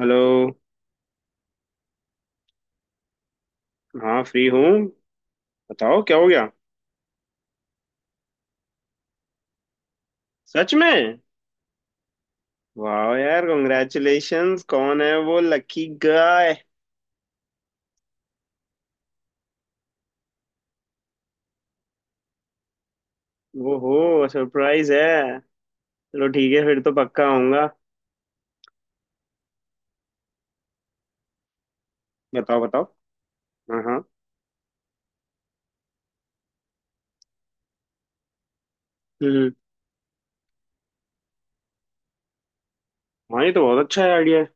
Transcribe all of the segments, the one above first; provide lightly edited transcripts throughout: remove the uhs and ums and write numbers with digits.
Hello. हाँ free हूँ। बताओ क्या हो गया। सच में? वाह यार, कॉन्ग्रेचुलेशंस। कौन है वो लकी गाय? वो हो सरप्राइज है। चलो ठीक है, फिर तो पक्का आऊंगा। बताओ बताओ। हाँ हाँ। हम्म। हाँ ये तो बहुत अच्छा है आइडिया है।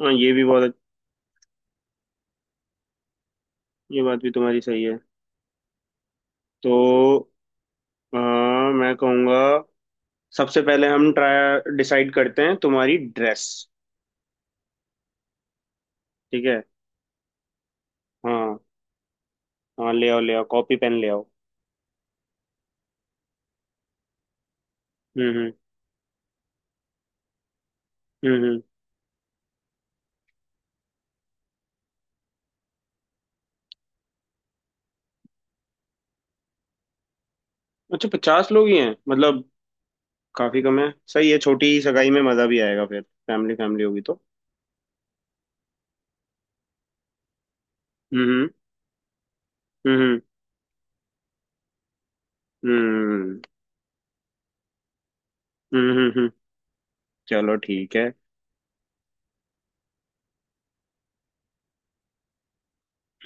हाँ ये भी बहुत ये बात भी तुम्हारी सही है। तो हाँ मैं कहूँगा सबसे पहले हम ट्राई डिसाइड करते हैं तुम्हारी ड्रेस। ठीक है। हाँ हाँ ले आओ कॉपी पेन ले आओ। हम्म। हम्म हम्म। अच्छा 50 लोग ही हैं मतलब। काफी कम है, सही है। छोटी सगाई में मजा भी आएगा, फिर फैमिली फैमिली होगी तो। हम्म। हम्म। हम्म। हम्म। हम्म चलो ठीक है।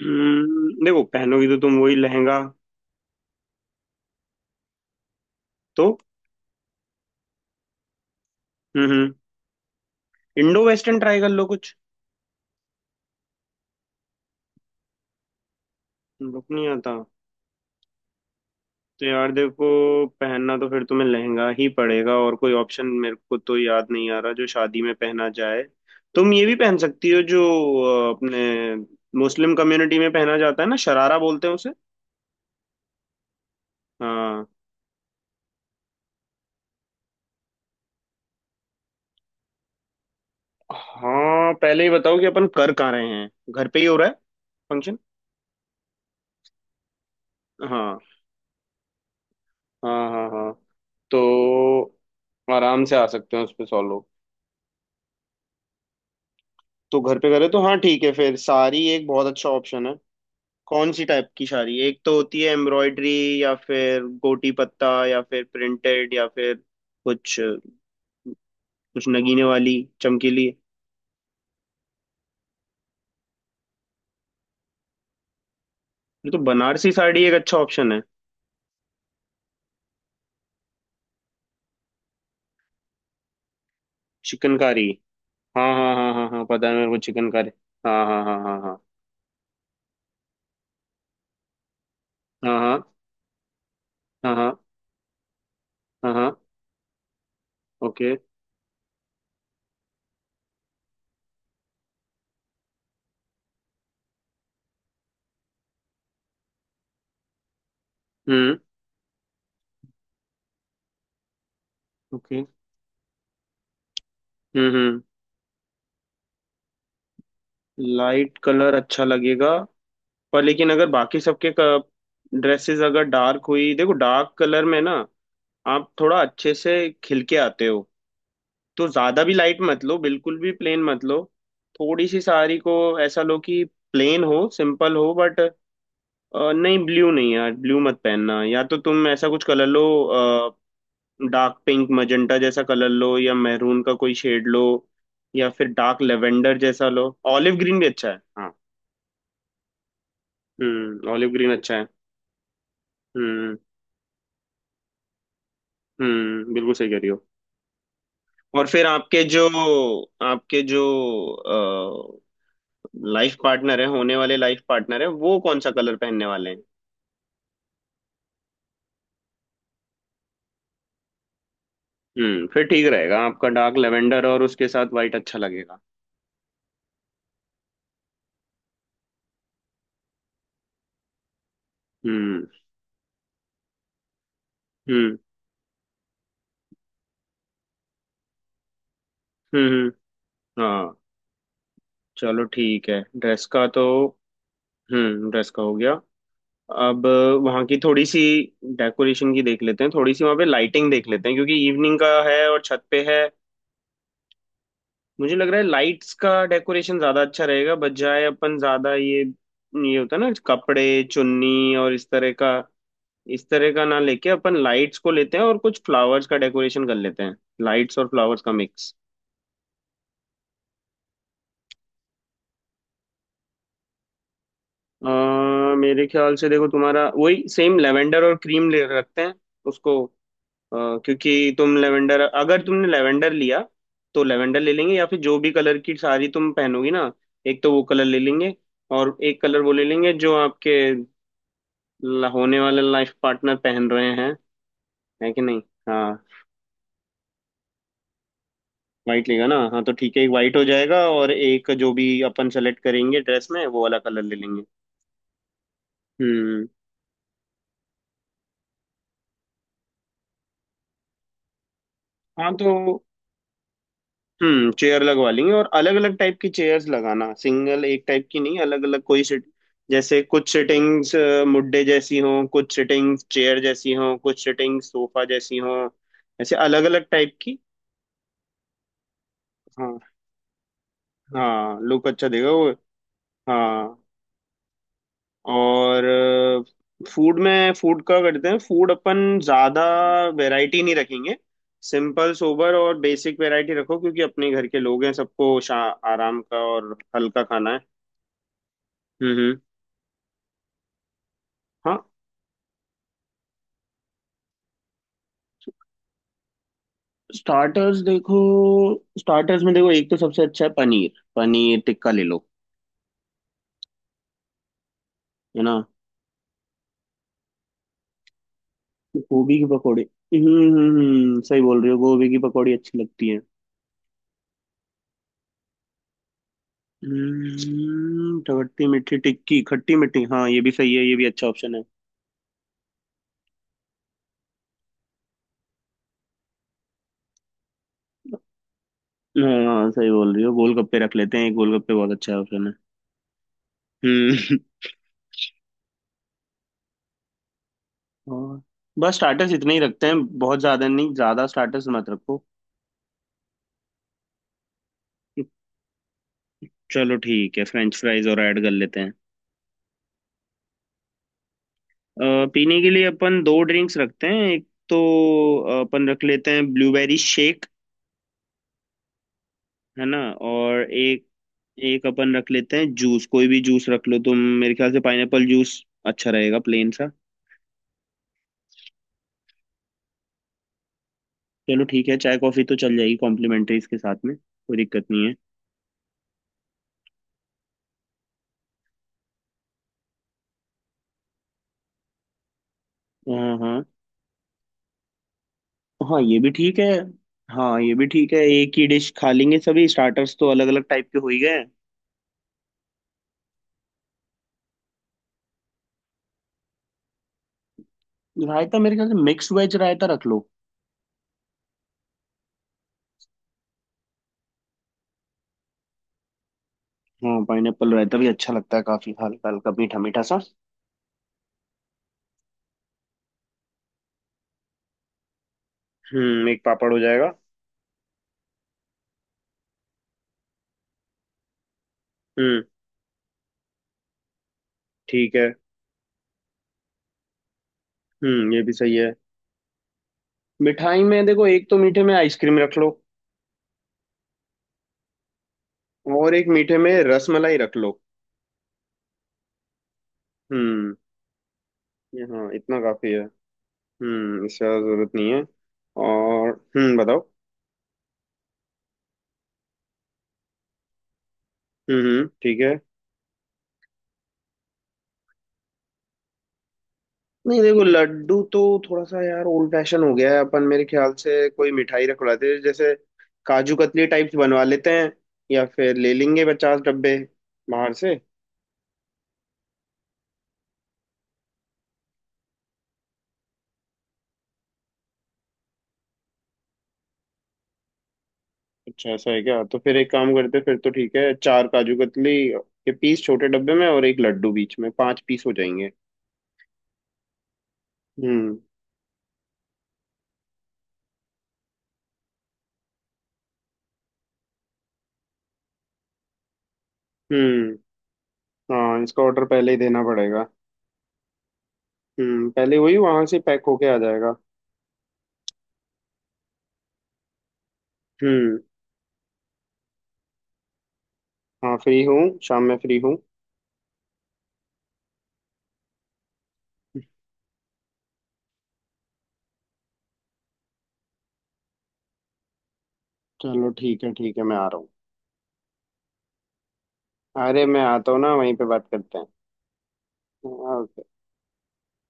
देखो पहनोगी तो तुम वही लहंगा। तो हम्म इंडो वेस्टर्न ट्राई कर लो कुछ। लुक नहीं आता। तो यार देखो, पहनना तो फिर तुम्हें लहंगा ही पड़ेगा और कोई ऑप्शन मेरे को तो याद नहीं आ रहा जो शादी में पहना जाए। तुम ये भी पहन सकती हो जो अपने मुस्लिम कम्युनिटी में पहना जाता है ना, शरारा बोलते हैं। हाँ। हाँ पहले ही बताओ कि अपन कर कहाँ रहे हैं। घर पे ही हो रहा है फंक्शन? हाँ। हाँ हाँ हाँ। तो आराम से आ सकते हैं उस पे 100 लोग। तो घर पे करें तो हाँ ठीक है, फिर साड़ी एक बहुत अच्छा ऑप्शन है। कौन सी टाइप की साड़ी? एक तो होती है एम्ब्रॉयडरी, या फिर गोटी पत्ता, या फिर प्रिंटेड, या फिर कुछ कुछ नगीने वाली, चमकीली। ये तो बनारसी साड़ी एक अच्छा ऑप्शन है। चिकनकारी? हाँ हाँ हाँ हाँ हाँ पता है मेरे को चिकनकारी। हाँ हाँ हाँ हाँ हाँ। हाँ हाँ हाँ हाँ हाँ। ओके। हम्म। ओके। हम्म। लाइट कलर अच्छा लगेगा, पर लेकिन अगर बाकी सबके ड्रेसेस अगर डार्क हुई, देखो डार्क कलर में ना आप थोड़ा अच्छे से खिल के आते हो। तो ज्यादा भी लाइट मत लो, बिल्कुल भी प्लेन मत लो। थोड़ी सी साड़ी को ऐसा लो कि प्लेन हो सिंपल हो बट नहीं, ब्लू नहीं यार, ब्लू मत पहनना। या तो तुम ऐसा कुछ कलर लो, डार्क पिंक मजेंटा जैसा कलर लो, या मैरून का कोई शेड लो, या फिर डार्क लेवेंडर जैसा लो। ऑलिव ग्रीन भी अच्छा है हाँ। ऑलिव ग्रीन अच्छा है। हम्म। बिल्कुल सही कह रही हो। और फिर आपके जो लाइफ पार्टनर है, होने वाले लाइफ पार्टनर है, वो कौन सा कलर पहनने वाले हैं? फिर ठीक रहेगा आपका डार्क लेवेंडर और उसके साथ वाइट अच्छा लगेगा। हम्म। हम्म। हम्म। हाँ चलो ठीक है ड्रेस का तो। ड्रेस का हो गया। अब वहाँ की थोड़ी सी डेकोरेशन की देख लेते हैं, थोड़ी सी वहाँ पे लाइटिंग देख लेते हैं क्योंकि इवनिंग का है और छत पे है। मुझे लग रहा है लाइट्स का डेकोरेशन ज्यादा अच्छा रहेगा बजाय अपन ज्यादा ये, होता है ना कपड़े, चुन्नी और इस तरह का, ना लेके अपन लाइट्स को लेते हैं और कुछ फ्लावर्स का डेकोरेशन कर लेते हैं। लाइट्स और फ्लावर्स का मिक्स। अ, मेरे ख्याल से देखो तुम्हारा वही सेम लेवेंडर और क्रीम ले रखते हैं उसको। अ, क्योंकि तुम लेवेंडर अगर तुमने लेवेंडर लिया तो लेवेंडर ले लेंगे, या फिर जो भी कलर की साड़ी तुम पहनोगी ना, एक तो वो कलर ले लेंगे और एक कलर वो ले लेंगे जो आपके होने वाले लाइफ पार्टनर पहन रहे हैं। है कि नहीं? हाँ। वाइट लेगा ना, हाँ तो ठीक है, एक वाइट हो जाएगा और एक जो भी अपन सेलेक्ट करेंगे ड्रेस में वो वाला कलर ले लेंगे। हम्म। हाँ तो चेयर लगवा लेंगे और अलग अलग टाइप की चेयर्स लगाना, सिंगल एक टाइप की नहीं, अलग अलग। कोई सिट, जैसे कुछ सिटिंग्स मुड्डे जैसी हों, कुछ सिटिंग्स चेयर जैसी हों, कुछ सिटिंग्स सोफा जैसी हों, ऐसे अलग अलग टाइप की। हाँ। हाँ लुक अच्छा देगा वो। हाँ। और फूड में, फूड का करते हैं, फूड अपन ज़्यादा वैरायटी नहीं रखेंगे। सिंपल सोबर और बेसिक वैरायटी रखो क्योंकि अपने घर के लोग हैं, सबको शा आराम का और हल्का खाना है। हम्म हम्म। हाँ, स्टार्टर्स देखो, स्टार्टर्स में देखो एक तो सबसे अच्छा है पनीर पनीर टिक्का ले लो। है ना? गोभी की पकौड़ी। सही बोल रही हो गोभी की पकौड़ी अच्छी लगती है। खट्टी मीठी टिक्की खट्टी मीठी, हाँ ये भी सही है, ये भी अच्छा ऑप्शन है। हाँ सही बोल रही हो गोलगप्पे रख लेते हैं, एक गोलगप्पे बहुत अच्छा ऑप्शन है। हम्म। और बस स्टार्टर्स इतने ही रखते हैं, बहुत ज्यादा नहीं, ज्यादा स्टार्टर्स मत रखो। चलो ठीक है फ्रेंच फ्राइज और ऐड कर लेते हैं। अ, पीने के लिए अपन दो ड्रिंक्स रखते हैं, एक तो अपन रख लेते हैं ब्लूबेरी शेक। है ना? और एक, एक अपन रख लेते हैं जूस, कोई भी जूस रख लो तुम। मेरे ख्याल से पाइनएप्पल जूस अच्छा रहेगा, प्लेन सा। चलो ठीक है चाय कॉफी तो चल जाएगी कॉम्प्लीमेंट्री, इसके साथ में कोई दिक्कत नहीं है। हाँ। हाँ। हाँ ये भी ठीक है। हाँ ये भी ठीक है, एक ही डिश खा लेंगे सभी, स्टार्टर्स तो अलग अलग टाइप के हो ही गए हैं। रायता मेरे ख्याल से मिक्स वेज रायता रख लो। हाँ पाइनएप्पल रायता भी अच्छा लगता है, काफी हल्का हल्का मीठा मीठा सा। एक पापड़ हो जाएगा। हम्म ठीक है। ये भी सही है। मिठाई में देखो, एक तो मीठे में आइसक्रीम रख लो। और एक मीठे में रसमलाई रख लो। हम्म ये हाँ इतना काफी है। इससे ज्यादा जरूरत नहीं है। और बताओ। ठीक है। नहीं देखो लड्डू तो थोड़ा सा यार ओल्ड फैशन हो गया है, अपन मेरे ख्याल से कोई मिठाई रखवाते हैं, जैसे काजू कतली टाइप्स बनवा लेते हैं, या फिर ले लेंगे 50 डब्बे बाहर से। अच्छा ऐसा है क्या, तो फिर एक काम करते हैं, फिर तो ठीक है, चार काजू कतली के पीस छोटे डब्बे में और एक लड्डू बीच में, पांच पीस हो जाएंगे। हम्म। हम्म हाँ इसका ऑर्डर पहले ही देना पड़ेगा। पहले वही वहां से पैक होके आ जाएगा। हम्म। हाँ फ्री हूँ शाम में फ्री हूँ। चलो ठीक है मैं आ रहा हूँ। अरे मैं आता हूँ ना, वहीं पे बात करते हैं। ओके।